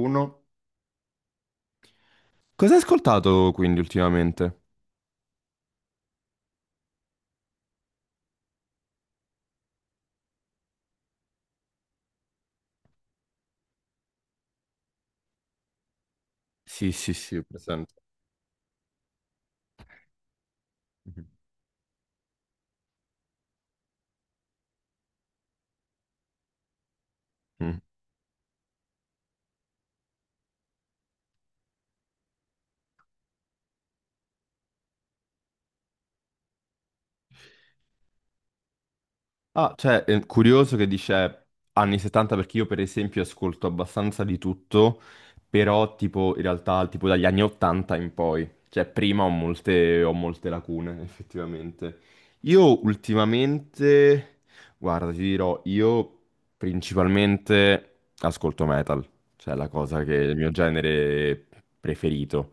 Uno. Cosa hai ascoltato quindi ultimamente? Sì, sì, sì, ho presente. Mhm. Mm. Ah, cioè, è curioso che dice anni 70 perché io per esempio ascolto abbastanza di tutto, però tipo in realtà tipo dagli anni 80 in poi, cioè prima ho molte lacune effettivamente. Io ultimamente, guarda, ti dirò, io principalmente ascolto metal, cioè è la cosa che è il mio genere preferito.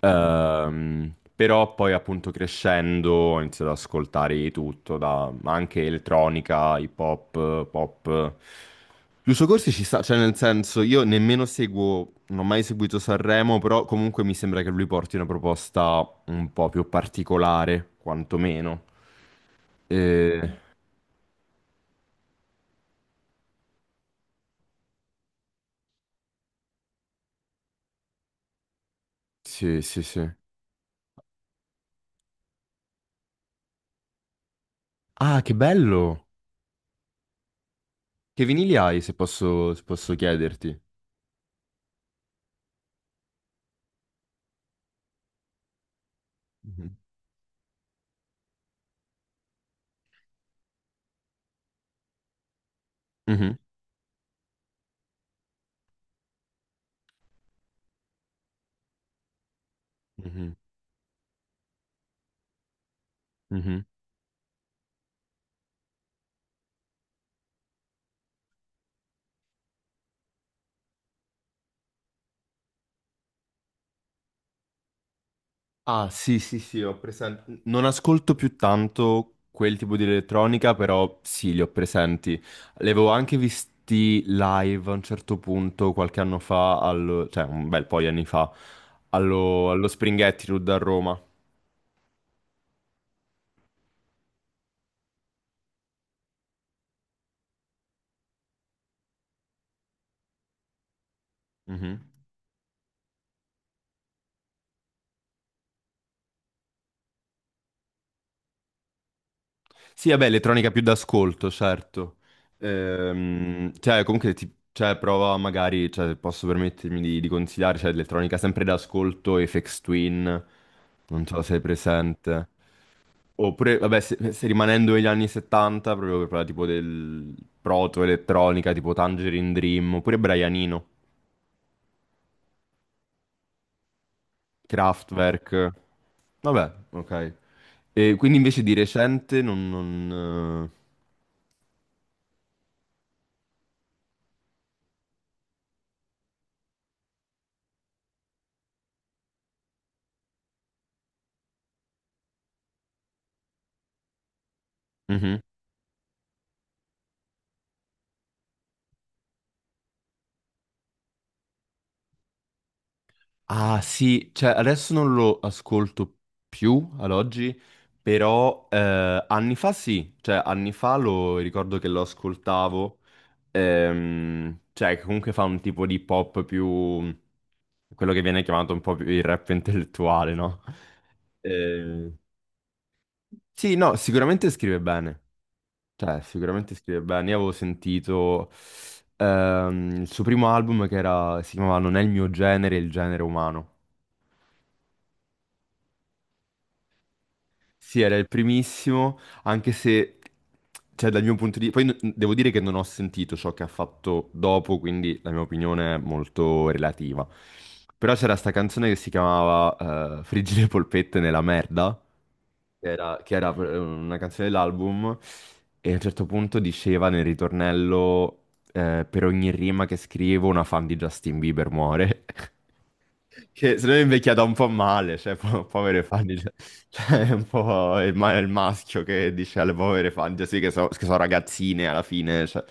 Però poi appunto crescendo ho iniziato ad ascoltare di tutto, da, ma anche elettronica, hip hop, pop. Giusto Corsi ci sta, cioè nel senso io nemmeno seguo, non ho mai seguito Sanremo, però comunque mi sembra che lui porti una proposta un po' più particolare, quantomeno. Eh, sì, sì, sì. Ah, che bello! Che vinili hai, se posso, se posso chiederti? Mhm. Mhm, mhm, mhm. Ah, sì, sì, sì, ho presente. Non ascolto più tanto quel tipo di elettronica, però sì, li ho presenti. Li avevo anche visti live a un certo punto, qualche anno fa, cioè un bel po' di anni fa, allo Spring Attitude a Roma. Mhm. Sì, vabbè, elettronica più d'ascolto, certo. Cioè, comunque, cioè, prova magari, cioè, posso permettermi di consigliare, cioè, elettronica sempre d'ascolto, Aphex Twin, non so se sei presente. Oppure, vabbè, se, se rimanendo negli anni 70, proprio per parlare tipo del proto-elettronica, tipo Tangerine Dream, oppure Brianino, Kraftwerk, vabbè, ok. E quindi invece di recente non... non, mhm. Ah sì, cioè adesso non lo ascolto più ad oggi, però anni fa sì, cioè anni fa lo ricordo che lo ascoltavo, cioè che comunque fa un tipo di pop più... quello che viene chiamato un po' più il rap intellettuale, no? Eh, sì, no, sicuramente scrive bene, cioè sicuramente scrive bene. Io avevo sentito il suo primo album che era, si chiamava Non è il mio genere, è il genere umano. Sì, era il primissimo, anche se, cioè, dal mio punto di vista, poi devo dire che non ho sentito ciò che ha fatto dopo, quindi la mia opinione è molto relativa. Però c'era sta canzone che si chiamava Friggere polpette nella merda, che era, una canzone dell'album, e a un certo punto diceva nel ritornello per ogni rima che scrivo una fan di Justin Bieber muore. Che se no è invecchiata un po' male, cioè povere fan di... Cioè è un po' il, il maschio che dice alle povere fan, cioè, sì che, che sono ragazzine alla fine, cioè.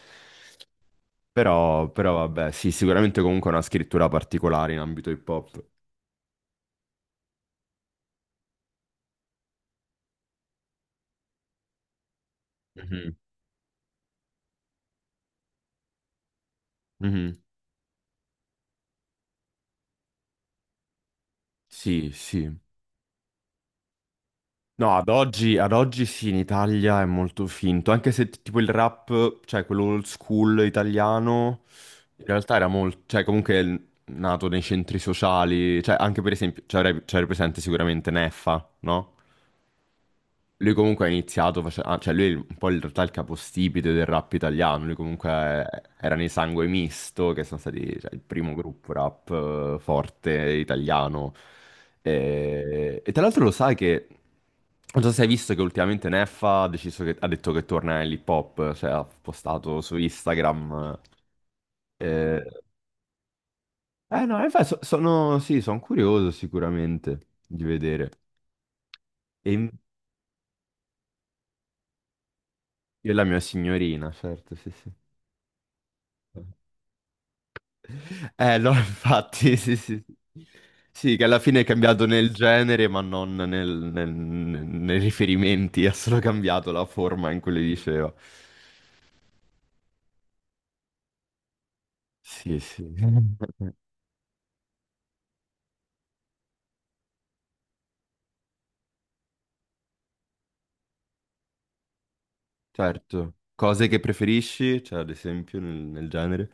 Però, però vabbè, sì, sicuramente comunque una scrittura particolare in ambito hip hop. Mhm. Mhm. Sì, sì. No, ad oggi sì, in Italia è molto finto, anche se tipo il rap, cioè quello old school italiano, in realtà era molto, cioè comunque è nato nei centri sociali, cioè anche per esempio, cioè, cioè, era presente sicuramente Neffa, no? Lui comunque ha iniziato, ah, cioè lui è un po' in realtà il capostipite del rap italiano, lui comunque era nei Sangue Misto, che sono stati cioè, il primo gruppo rap forte italiano. E tra l'altro lo sai che, non so se hai visto che ultimamente Neffa ha deciso che, ha detto che torna nell'hip hop, cioè ha postato su Instagram. Eh, no, infatti sono, sì, sono curioso sicuramente di vedere. E io e la mia signorina, certo, sì, sì. Allora infatti, sì, sì, sì. Sì, che alla fine è cambiato nel genere, ma non nei riferimenti, ha solo cambiato la forma in cui le diceva. Sì, sì. Certo. Cose che preferisci, cioè ad esempio nel, nel genere?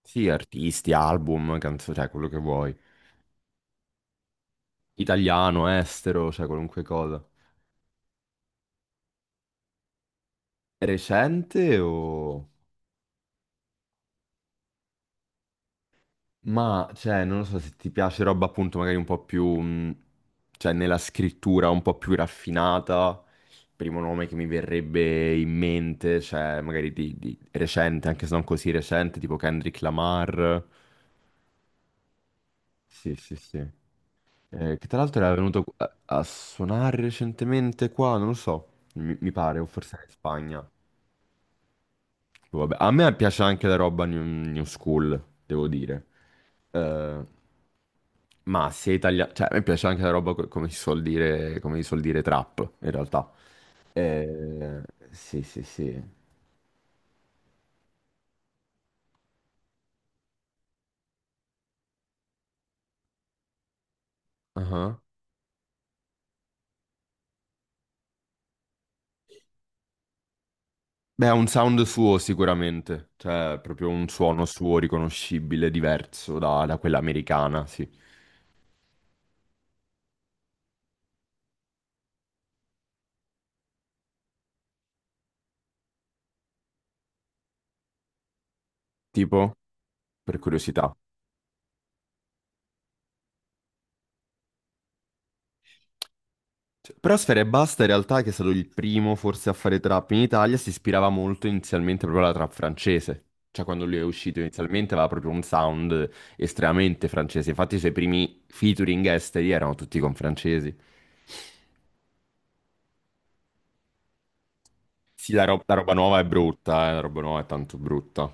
Sì, artisti, album, canzoni, cioè quello che vuoi. Italiano, estero, cioè qualunque cosa. Recente o... Ma, cioè, non lo so se ti piace roba appunto magari un po' più, cioè, nella scrittura un po' più raffinata. Il primo nome che mi verrebbe in mente, cioè, magari di recente, anche se non così recente, tipo Kendrick Lamar. Sì, sì, sì. Che tra l'altro era venuto a, a suonare recentemente qua, non lo so, mi pare, o forse era in Spagna. Boh, vabbè, a me piace anche la roba new, new school, devo dire. Eh, Ma sia italiano, cioè a me piace anche la roba come si suol dire, come si suol dire trap, in realtà. Eh, sì, sì, sì. Ah. Beh, ha un sound suo sicuramente, cioè proprio un suono suo riconoscibile, diverso da, da quella americana, sì. Tipo, per curiosità. Cioè, però Sfera Basta in realtà, che è stato il primo forse a fare trap in Italia, si ispirava molto inizialmente proprio alla trap francese. Cioè quando lui è uscito inizialmente aveva proprio un sound estremamente francese. Infatti i suoi primi featuring esteri erano tutti con francesi. Sì, la, la roba nuova è brutta, la roba nuova è tanto brutta.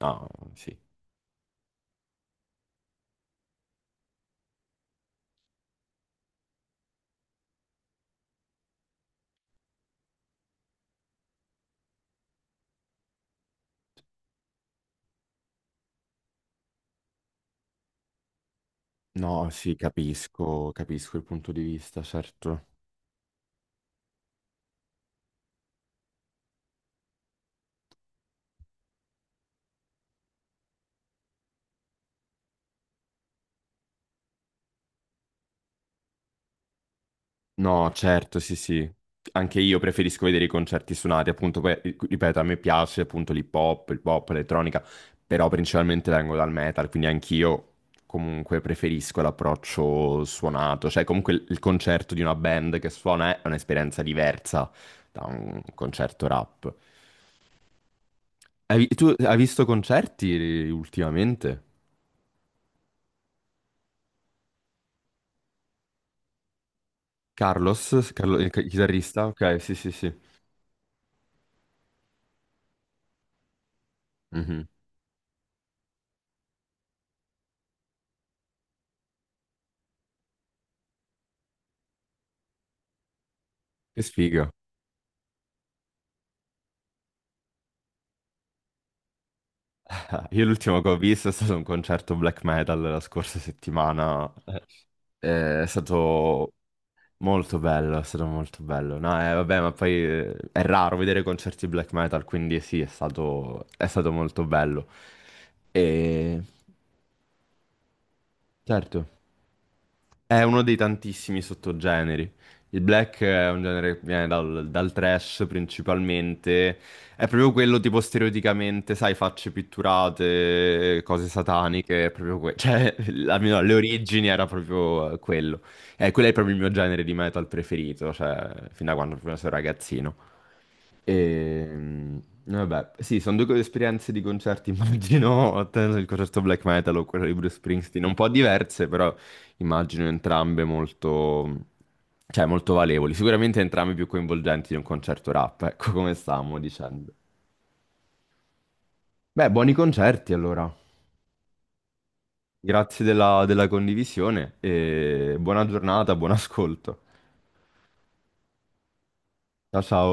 Ah, sì. No, sì, capisco, capisco il punto di vista, certo. No, certo, sì, sì. Anche io preferisco vedere i concerti suonati, appunto, poi, ripeto, a me piace appunto l'hip hop, il pop, l'elettronica, però principalmente vengo dal metal, quindi anch'io comunque preferisco l'approccio suonato, cioè comunque il concerto di una band che suona è un'esperienza diversa da un concerto rap. Tu hai visto concerti ultimamente? Carlos, il chitarrista? Ok, sì, sì, sì. Mhm. Che sfiga. Io l'ultimo che ho visto è stato un concerto black metal la scorsa settimana. È stato molto bello, è stato molto bello. No, vabbè, ma poi è raro vedere concerti black metal, quindi sì, è stato molto bello. E certo. È uno dei tantissimi sottogeneri. Il black è un genere che viene dal, dal trash principalmente. È proprio quello tipo stereotipamente, sai, facce pitturate, cose sataniche, è proprio quello. Cioè, almeno alle origini era proprio quello. E quello è proprio il mio genere di metal preferito, cioè, fin da quando proprio sono ragazzino. E, mm, Vabbè, sì, sono due esperienze di concerti, immagino, il concerto black metal o quello di Bruce Springsteen, un po' diverse, però immagino entrambe molto, cioè, molto valevoli, sicuramente entrambe più coinvolgenti di un concerto rap, ecco come stavamo dicendo. Beh, buoni concerti allora, grazie della condivisione e buona giornata, buon ascolto. Ciao ciao.